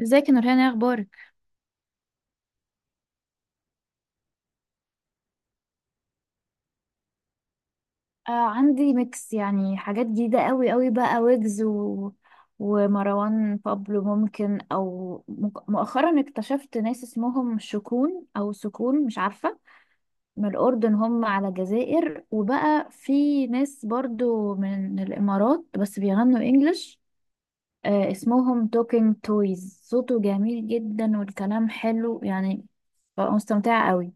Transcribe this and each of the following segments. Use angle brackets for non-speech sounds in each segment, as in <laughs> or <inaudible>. ازيك يا نورهان؟ ايه اخبارك؟ آه، عندي ميكس، يعني حاجات جديدة قوي قوي بقى، ويجز ومروان بابلو، ممكن او مؤخرا اكتشفت ناس اسمهم شكون او سكون، مش عارفة. من الاردن، هم على الجزائر. وبقى في ناس برضو من الامارات بس بيغنوا انجلش. آه، اسمهم توكينج تويز، صوته جميل جدا والكلام حلو يعني. بقى مستمتعة قوي.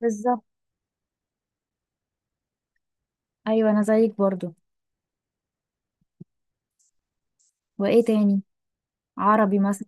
بالظبط. ايوه انا زيك برضو. وايه تاني؟ عربي مثلا.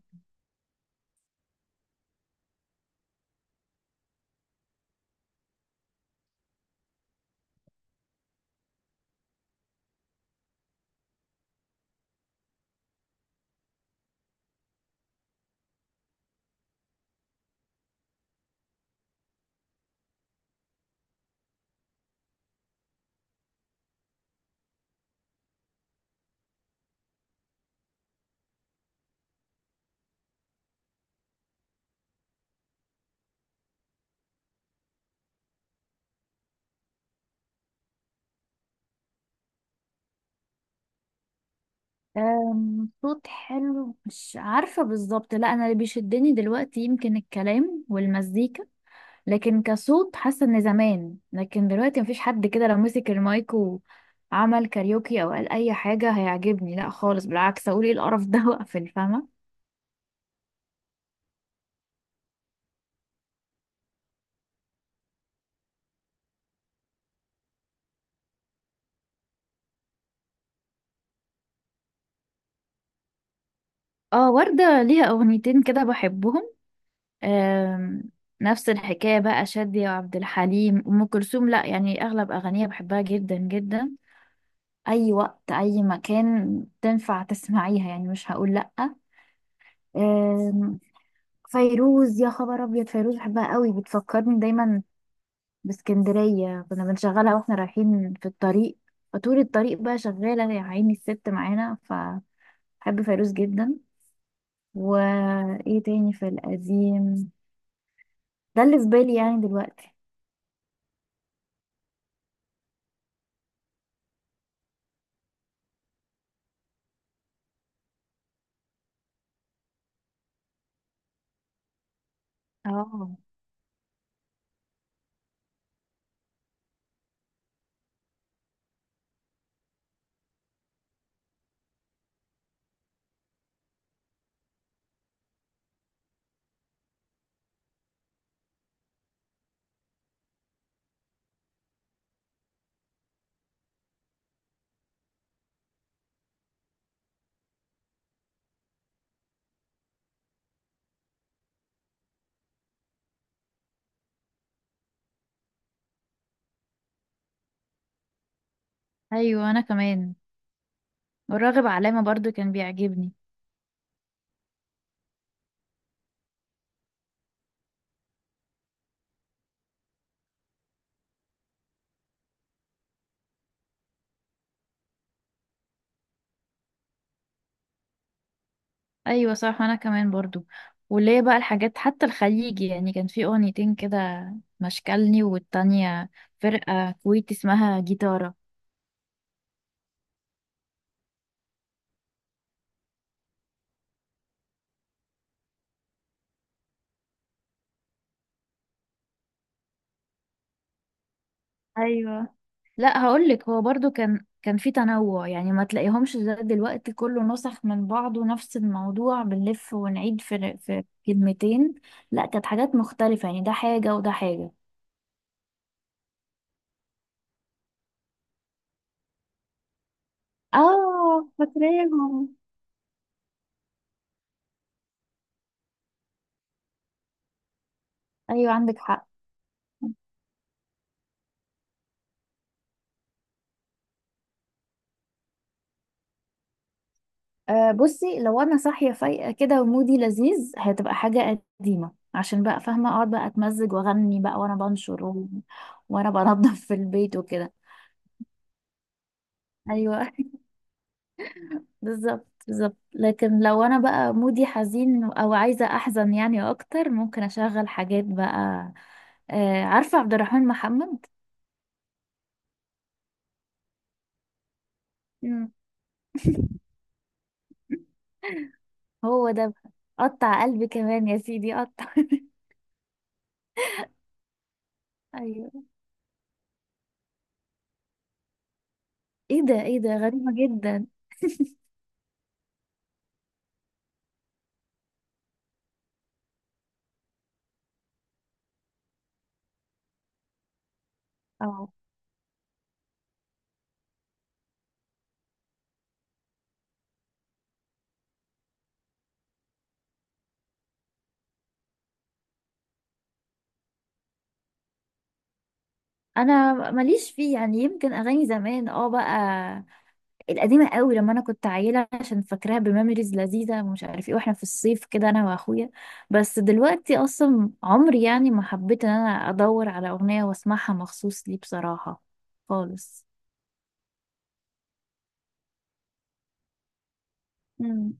صوت حلو مش عارفة بالظبط، لا. أنا اللي بيشدني دلوقتي يمكن الكلام والمزيكا، لكن كصوت حاسة إن زمان. لكن دلوقتي مفيش حد كده، لو مسك المايك وعمل كاريوكي أو قال أي حاجة هيعجبني، لا خالص، بالعكس أقول إيه القرف ده <laughs> وأقفل، فاهمة. اه، وردة ليها أغنيتين كده بحبهم. أم، نفس الحكاية بقى شادية وعبد الحليم، أم كلثوم لا، يعني أغلب أغانيها بحبها جدا جدا. اي وقت اي مكان تنفع تسمعيها، يعني مش هقول لأ. أم، فيروز، يا خبر ابيض. فيروز بحبها قوي، بتفكرني دايما باسكندرية. كنا بنشغلها واحنا رايحين في الطريق، فطول الطريق بقى شغالة يا عيني الست معانا، فبحب فيروز جدا. وايه تاني في القديم؟ ده اللي في بالي يعني دلوقتي. اه ايوه انا كمان. والراغب علامة برضو كان بيعجبني. ايوه صح وانا كمان برضو. وليه بقى الحاجات، حتى الخليجي يعني كان في اغنيتين كده، مشكلني والتانية فرقة كويتي اسمها جيتارة. ايوه. لا هقولك، هو برضو كان في تنوع، يعني ما تلاقيهمش زي دلوقتي كله نسخ من بعضه، نفس الموضوع بنلف ونعيد في كلمتين. لا كانت حاجات مختلفة يعني، ده حاجة وده حاجة. اه فاكراهم. ايوه عندك حق. أه بصي، لو انا صاحيه فايقه كده ومودي لذيذ، هتبقى حاجه قديمه، عشان بقى فاهمه اقعد بقى اتمزج واغني بقى وانا بنشر <laughs> وانا بنضف في البيت وكده. ايوه <laughs> بالظبط بالظبط، لكن لو انا بقى مودي حزين او عايزه احزن يعني اكتر، ممكن اشغل حاجات بقى. أه، عارفه عبد الرحمن محمد؟ مم. هو ده بقى. قطع قلبي كمان يا سيدي قطع <laughs> ايوه. ايه ده، ايه ده غريبه جدا. اه انا ماليش فيه يعني، يمكن اغاني زمان اه بقى، القديمه قوي لما انا كنت عيله، عشان فاكراها بميموريز لذيذه ومش عارف ايه، واحنا في الصيف كده انا واخويا. بس دلوقتي اصلا عمري يعني ما حبيت ان انا ادور على اغنيه واسمعها مخصوص لي بصراحه، خالص. مم.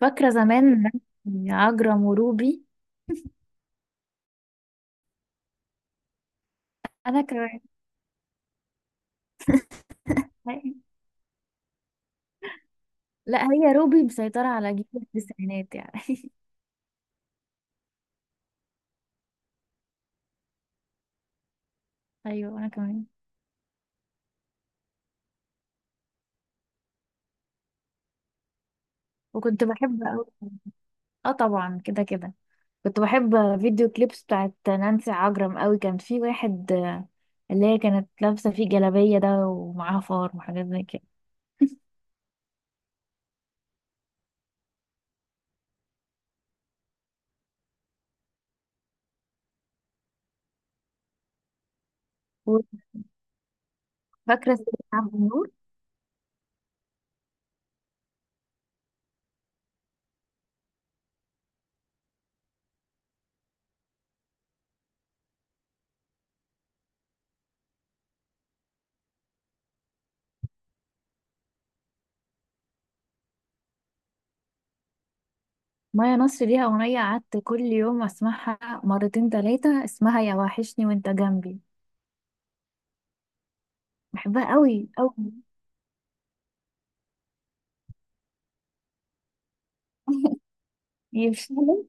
فاكره زمان، عجرم وروبي. انا كمان. لا هي روبي مسيطره على جيل التسعينات يعني <laughs> ايوه انا كمان وكنت بحب قوي. اه طبعا كده كده، كنت بحب فيديو كليبس بتاعت نانسي عجرم قوي، كان في واحد اللي هي كانت لابسة فيه جلابية ده ومعاها فار وحاجات زي كده. فاكرة سيدي عبد النور. مايا نصر ليها أغنية قعدت كل يوم أسمعها مرتين تلاتة، اسمها يا وحشني وانت جنبي، بحبها قوي قوي <laughs> يفشلوا.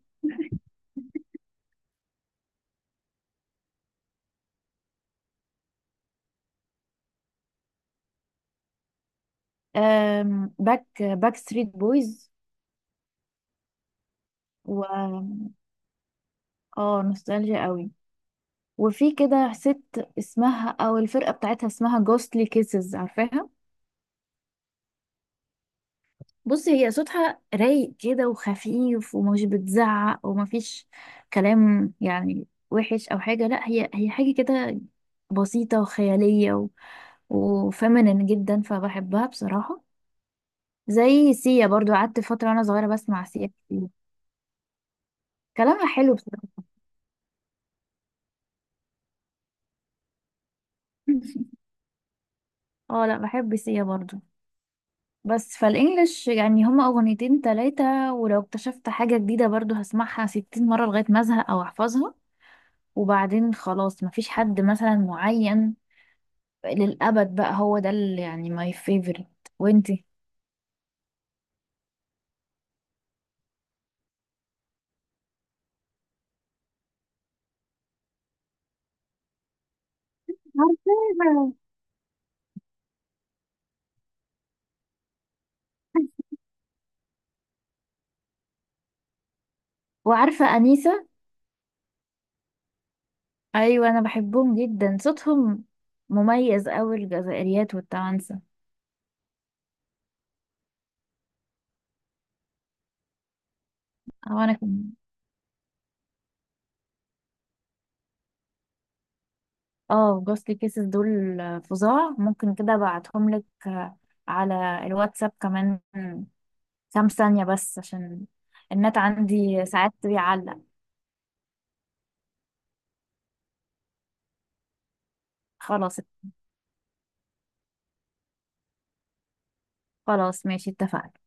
باك ستريت بويز و اه نوستالجيا قوي. وفي كده ست اسمها، او الفرقة بتاعتها اسمها جوستلي كيسز، عارفاها؟ بص هي صوتها رايق كده وخفيف ومش بتزعق، ومفيش كلام يعني وحش او حاجه، لا. هي هي حاجه كده بسيطه وخياليه وفيمينين جدا فبحبها بصراحه. زي سيا برضو، قعدت فتره وانا صغيره بسمع سيا كتير. كلامها حلو بصراحه <laughs> اه لا بحب سيا برضو. بس فالانجليش يعني هما اغنيتين تلاتة، ولو اكتشفت حاجه جديده برضو هسمعها 60 مره لغايه ما ازهق او احفظها، وبعدين خلاص. مفيش حد مثلا معين للأبد بقى، هو ده اللي يعني ماي فيفورت. وانتي؟ عارفاها. وعارفة أنيسة. أيوة أنا بحبهم جدا، صوتهم مميز أوي، الجزائريات والتوانسة. أو أنا كمان. اه جوستلي كيسز دول فظاع، ممكن كده أبعتهم لك على الواتساب، كمان كام ثانية بس عشان النت عندي ساعات بيعلق. خلاص. خلاص ماشي اتفقنا.